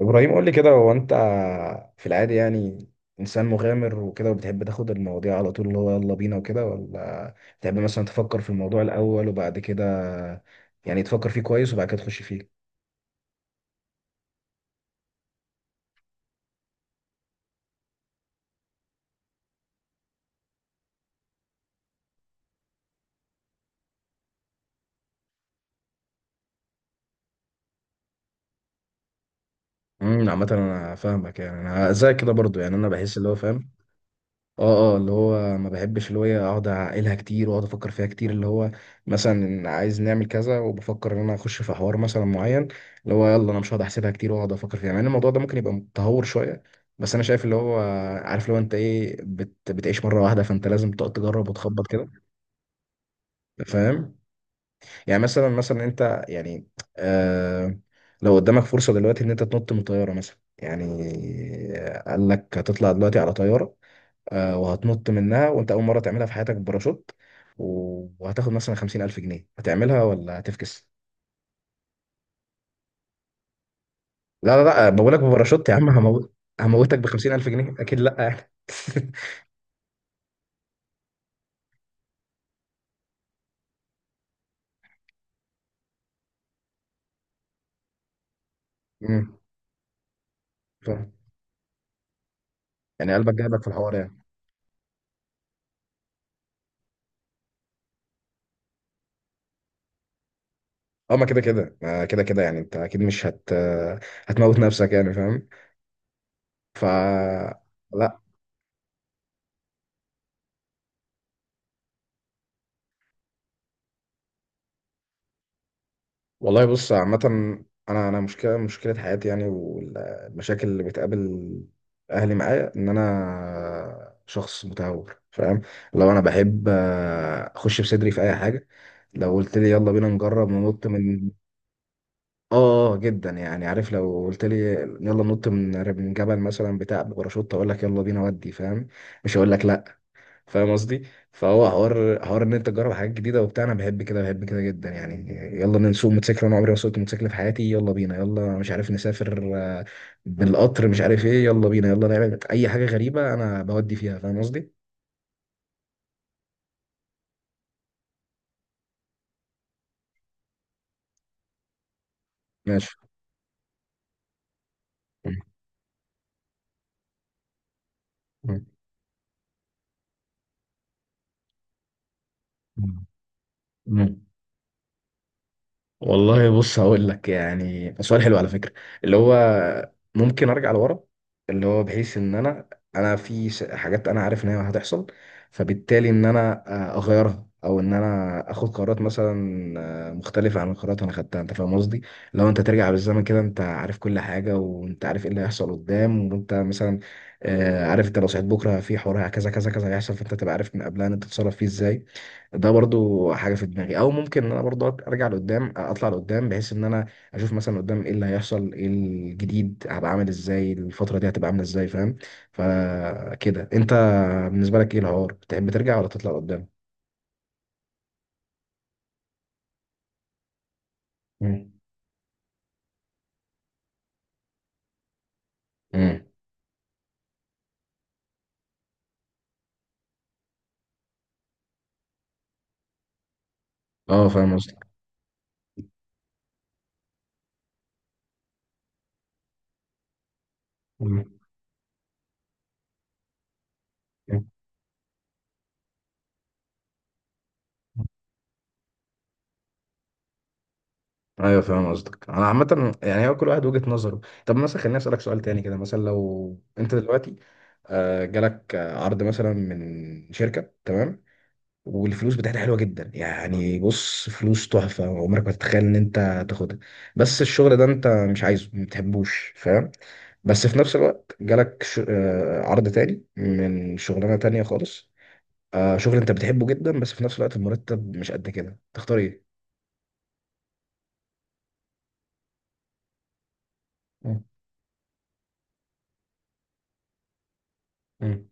ابراهيم، قول لي كده، هو انت في العادي يعني انسان مغامر وكده، وبتحب تاخد المواضيع على طول اللي هو يلا بينا وكده، ولا بتحب مثلا تفكر في الموضوع الاول وبعد كده يعني تفكر فيه كويس وبعد كده تخش فيه؟ عامه انا فاهمك يعني، انا زي كده برضو يعني، انا بحس اللي هو فاهم. اه اللي هو ما بحبش اللي هو إيه اقعد اعقلها كتير واقعد افكر فيها كتير، اللي هو مثلا عايز نعمل كذا وبفكر ان انا اخش في حوار مثلا معين، اللي هو يلا انا مش هقعد احسبها كتير واقعد افكر فيها، مع ان الموضوع ده ممكن يبقى متهور شويه. بس انا شايف اللي هو، عارف، لو انت ايه بت بتعيش مره واحده فانت لازم تقعد تجرب وتخبط كده. فاهم؟ يعني مثلا انت يعني آه لو قدامك فرصه دلوقتي ان انت تنط من طياره مثلا، يعني قال لك هتطلع دلوقتي على طياره، وهتنط منها وانت اول مره تعملها في حياتك بباراشوت، وهتاخد مثلا 50000 جنيه، هتعملها ولا هتفكس؟ لا لا لا، بقولك بباراشوت يا عم، هموت. هموتك ب 50000 جنيه؟ اكيد لا يعني. امم فاهم. يعني قلبك جايبك في الحوار يعني. اه، ما كده كده، ما كده كده يعني، انت اكيد مش هت هتموت نفسك يعني، فاهم؟ ف لا والله، بص عامة، أنا أنا مشكلة حياتي يعني، والمشاكل اللي بتقابل أهلي معايا إن أنا شخص متهور، فاهم. لو أنا بحب أخش بصدري في أي حاجة. لو قلت لي يلا بينا نجرب ننط من، آه، جدا يعني. عارف لو قلت لي يلا ننط من من جبل مثلا بتاع بباراشوت، أقول لك يلا بينا، ودي فاهم. مش هقول لك لأ. فاهم قصدي. فهو حوار ان انت تجرب حاجات جديده وبتاع، انا بحب كده بحب كده جدا يعني. يلا نسوق موتوسيكل، انا عمري ما سوقت موتوسيكل في حياتي، يلا بينا. يلا مش عارف نسافر بالقطر، مش عارف ايه، يلا بينا يلا نعمل اي حاجه غريبه انا بودي فيها، فاهم قصدي. ماشي. مم. مم. مم. والله بص، هقول لك يعني، سؤال حلو على فكرة. اللي هو ممكن ارجع لورا، اللي هو بحيث ان انا، انا في حاجات انا عارف ان هي هتحصل، فبالتالي ان انا اغيرها او ان انا اخد قرارات مثلا مختلفة عن القرارات انا خدتها، انت فاهم قصدي. لو انت ترجع بالزمن كده انت عارف كل حاجة وانت عارف ايه اللي هيحصل قدام، وانت مثلا عارف انت لو صحيت بكرة في حوار كذا كذا كذا هيحصل، فانت تبقى عارف من قبلها ان انت تتصرف فيه ازاي. ده برضو حاجه في دماغي. او ممكن ان انا برضو ارجع لقدام، اطلع لقدام بحيث ان انا اشوف مثلا قدام ايه اللي هيحصل، ايه الجديد، هبقى عامل ازاي، الفتره دي هتبقى عامله ازاي، فاهم. فكده انت بالنسبه لك ايه الحوار، تحب ترجع ولا تطلع لقدام؟ مم. مم. اه فاهم قصدك. مم. ايوه فاهم قصدك. انا عامه يعني هو كل واحد وجهة نظره. طب مثلا خليني اسالك سؤال تاني كده. مثلا لو انت دلوقتي جالك عرض مثلا من شركه، تمام، والفلوس بتاعتها حلوه جدا يعني، بص فلوس تحفه، عمرك ما تتخيل ان انت تاخدها، بس الشغل ده انت مش عايزه، ما بتحبوش، فاهم. بس في نفس الوقت جالك ش... آه، عرض تاني من شغلانه تانيه خالص، شغل انت بتحبه جدا، بس في نفس الوقت المرتب مش قد كده. تختار ايه؟ مم. مم.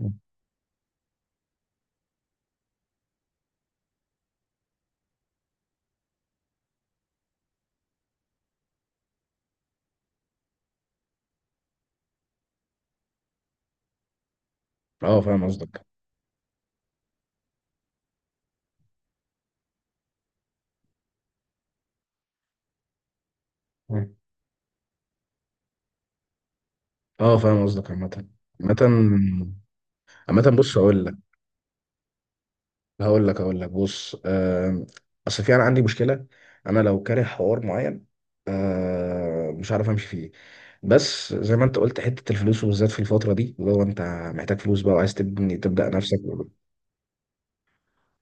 مم. اه فاهم قصدك. مم. اه فاهم قصدك. عامه، عامه عامه بص هقول لك، هقول لك بص، اصل في انا عندي مشكله، انا لو كاره حوار معين مش عارف امشي فيه. بس زي ما انت قلت، حته الفلوس وبالذات في الفتره دي، اللي هو انت محتاج فلوس بقى وعايز تبني تبدا نفسك.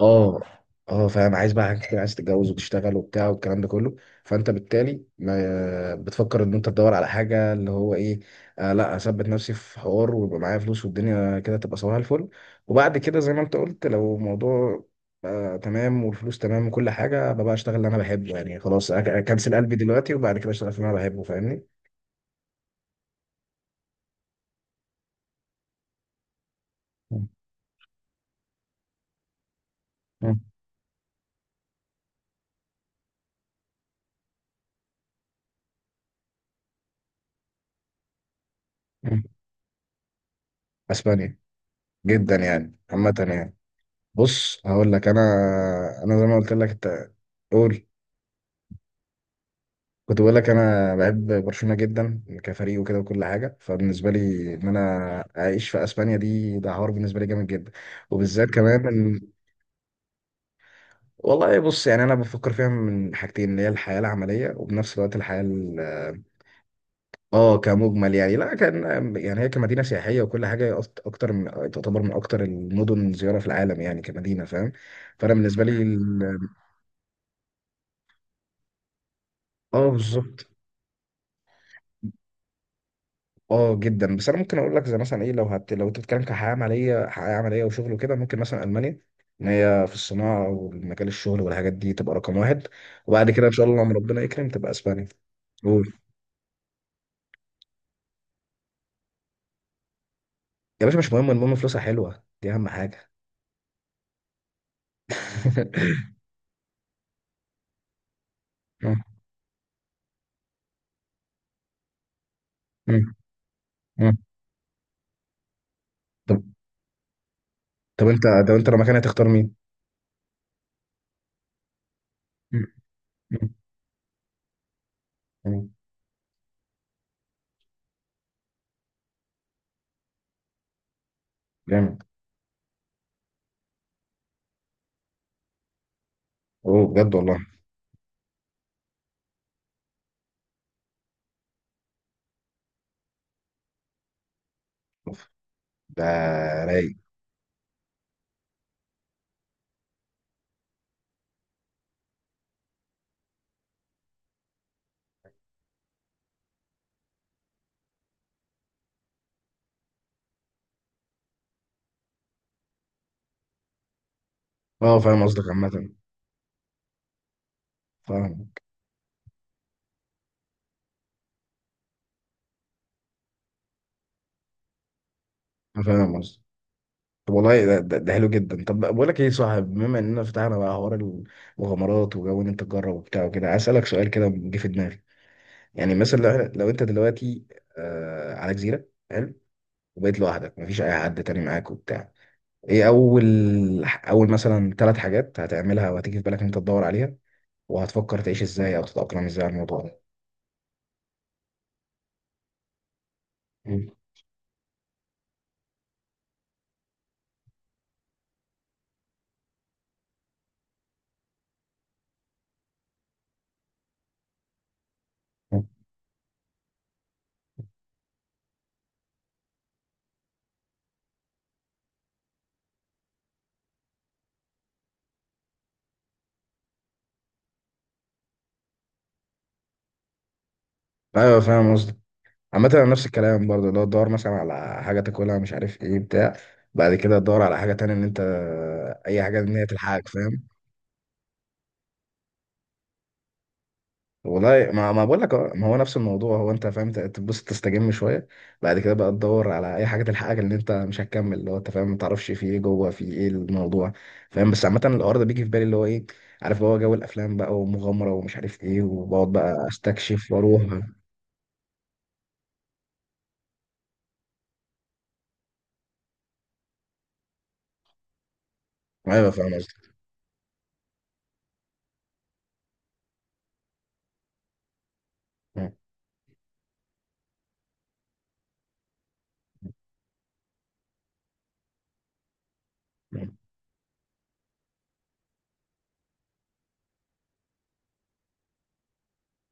اه اه فاهم، عايز بقى حاجة كتير، عايز تتجوز وتشتغل وبتاع والكلام ده كله. فانت بالتالي ما بتفكر ان انت تدور على حاجه اللي هو ايه. آه لا، اثبت نفسي في حوار ويبقى معايا فلوس والدنيا كده تبقى صباح الفل. وبعد كده زي ما انت قلت، لو الموضوع آه تمام والفلوس تمام وكل حاجه، ببقى اشتغل اللي انا بحبه يعني، خلاص اكنسل قلبي دلوقتي وبعد كده اشتغل في اللي انا بحبه، فاهمني. مم. مم. مم. اسبانيا، جدا يعني، عامه يعني. بص هقول لك، انا انا زي ما قلت لك انت. قول. كنت بقول لك انا بحب برشلونه جدا كفريق وكده وكل حاجه، فبالنسبه لي ان انا اعيش في اسبانيا دي، ده حوار بالنسبه لي جامد جدا. وبالذات مم كمان، إن- والله بص، يعني انا بفكر فيها من حاجتين، اللي هي الحياه العمليه، وبنفس الوقت الحياه اه كمجمل يعني، لا كان يعني هي كمدينه سياحيه وكل حاجه، هي اكتر من، تعتبر من اكتر المدن زياره في العالم يعني كمدينه، فاهم. فانا بالنسبه لي اه بالظبط، اه جدا. بس انا ممكن اقول لك زي مثلا ايه، لو انت بتتكلم كحياه عمليه، حياه عمليه وشغل وكده، ممكن مثلا المانيا، ان هي في الصناعه ومجال الشغل والحاجات دي تبقى رقم واحد. وبعد كده ان شاء الله لما ربنا يكرم تبقى اسبانيا. قول. يا باشا مش مهم، المهم فلوسها حلوه، دي اهم حاجه. مم. مم. مم. طب، طب انت، طب انت لو مكاني هتختار مين؟ مم. مم. مم. جامد. اوه بجد والله. أوف، ده رايق. اه فاهم قصدك. عامة، فاهم. فاهم قصدك. طب والله ده, حلو جدا. طب بقول لك ايه يا صاحب، بما اننا فتحنا بقى حوار المغامرات وجو ان انت تجرب وبتاع وكده، عايز اسالك سؤال كده جه في دماغي. يعني مثلا لو، لو انت دلوقتي على جزيره، حلو، وبقيت لوحدك مفيش اي حد تاني معاك وبتاع، ايه اول، اول مثلا ثلاث حاجات هتعملها وهتيجي في بالك ان انت تدور عليها، وهتفكر تعيش ازاي او تتاقلم ازاي على الموضوع ده؟ مم. ايوه فاهم قصدك. عامة انا نفس الكلام برضه، اللي هو تدور مثلا على حاجة تاكلها، مش عارف ايه بتاع. بعد كده تدور على حاجة تانية ان انت، اي حاجة ان هي تلحقك، فاهم. والله ما بقول لك أهو، ما هو نفس الموضوع، هو انت فاهم تبص تستجم شوية، بعد كده بقى تدور على اي حاجة تلحقك، اللي انت مش هتكمل، اللي هو انت فاهم، ما تعرفش في ايه جوه، في ايه الموضوع، فاهم. بس عامة الحوار ده بيجي في بالي اللي هو ايه، عارف اللي هو جو الافلام بقى، ومغامرة ومش عارف ايه، وبقعد بقى استكشف واروح. ايوه فاهم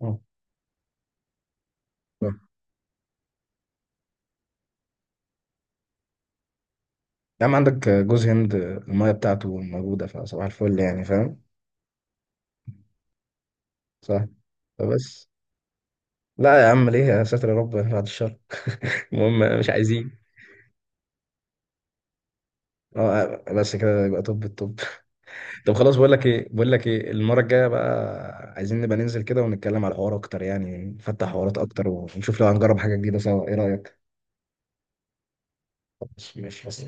قصدي. يا عم عندك جوز هند، المية بتاعته موجودة فصباح الفل يعني، فاهم. صح. فبس لا يا عم ليه، يا ساتر، يا رب بعد الشر. المهم مش عايزين. اه بس كده يبقى، طب الطب. طب خلاص، بقول لك ايه، بقول لك ايه، المرة الجاية بقى عايزين نبقى ننزل كده ونتكلم على الحوار اكتر يعني، نفتح حوارات اكتر ونشوف لو هنجرب حاجة جديدة سوا. ايه رأيك؟ خلاص ماشي بس.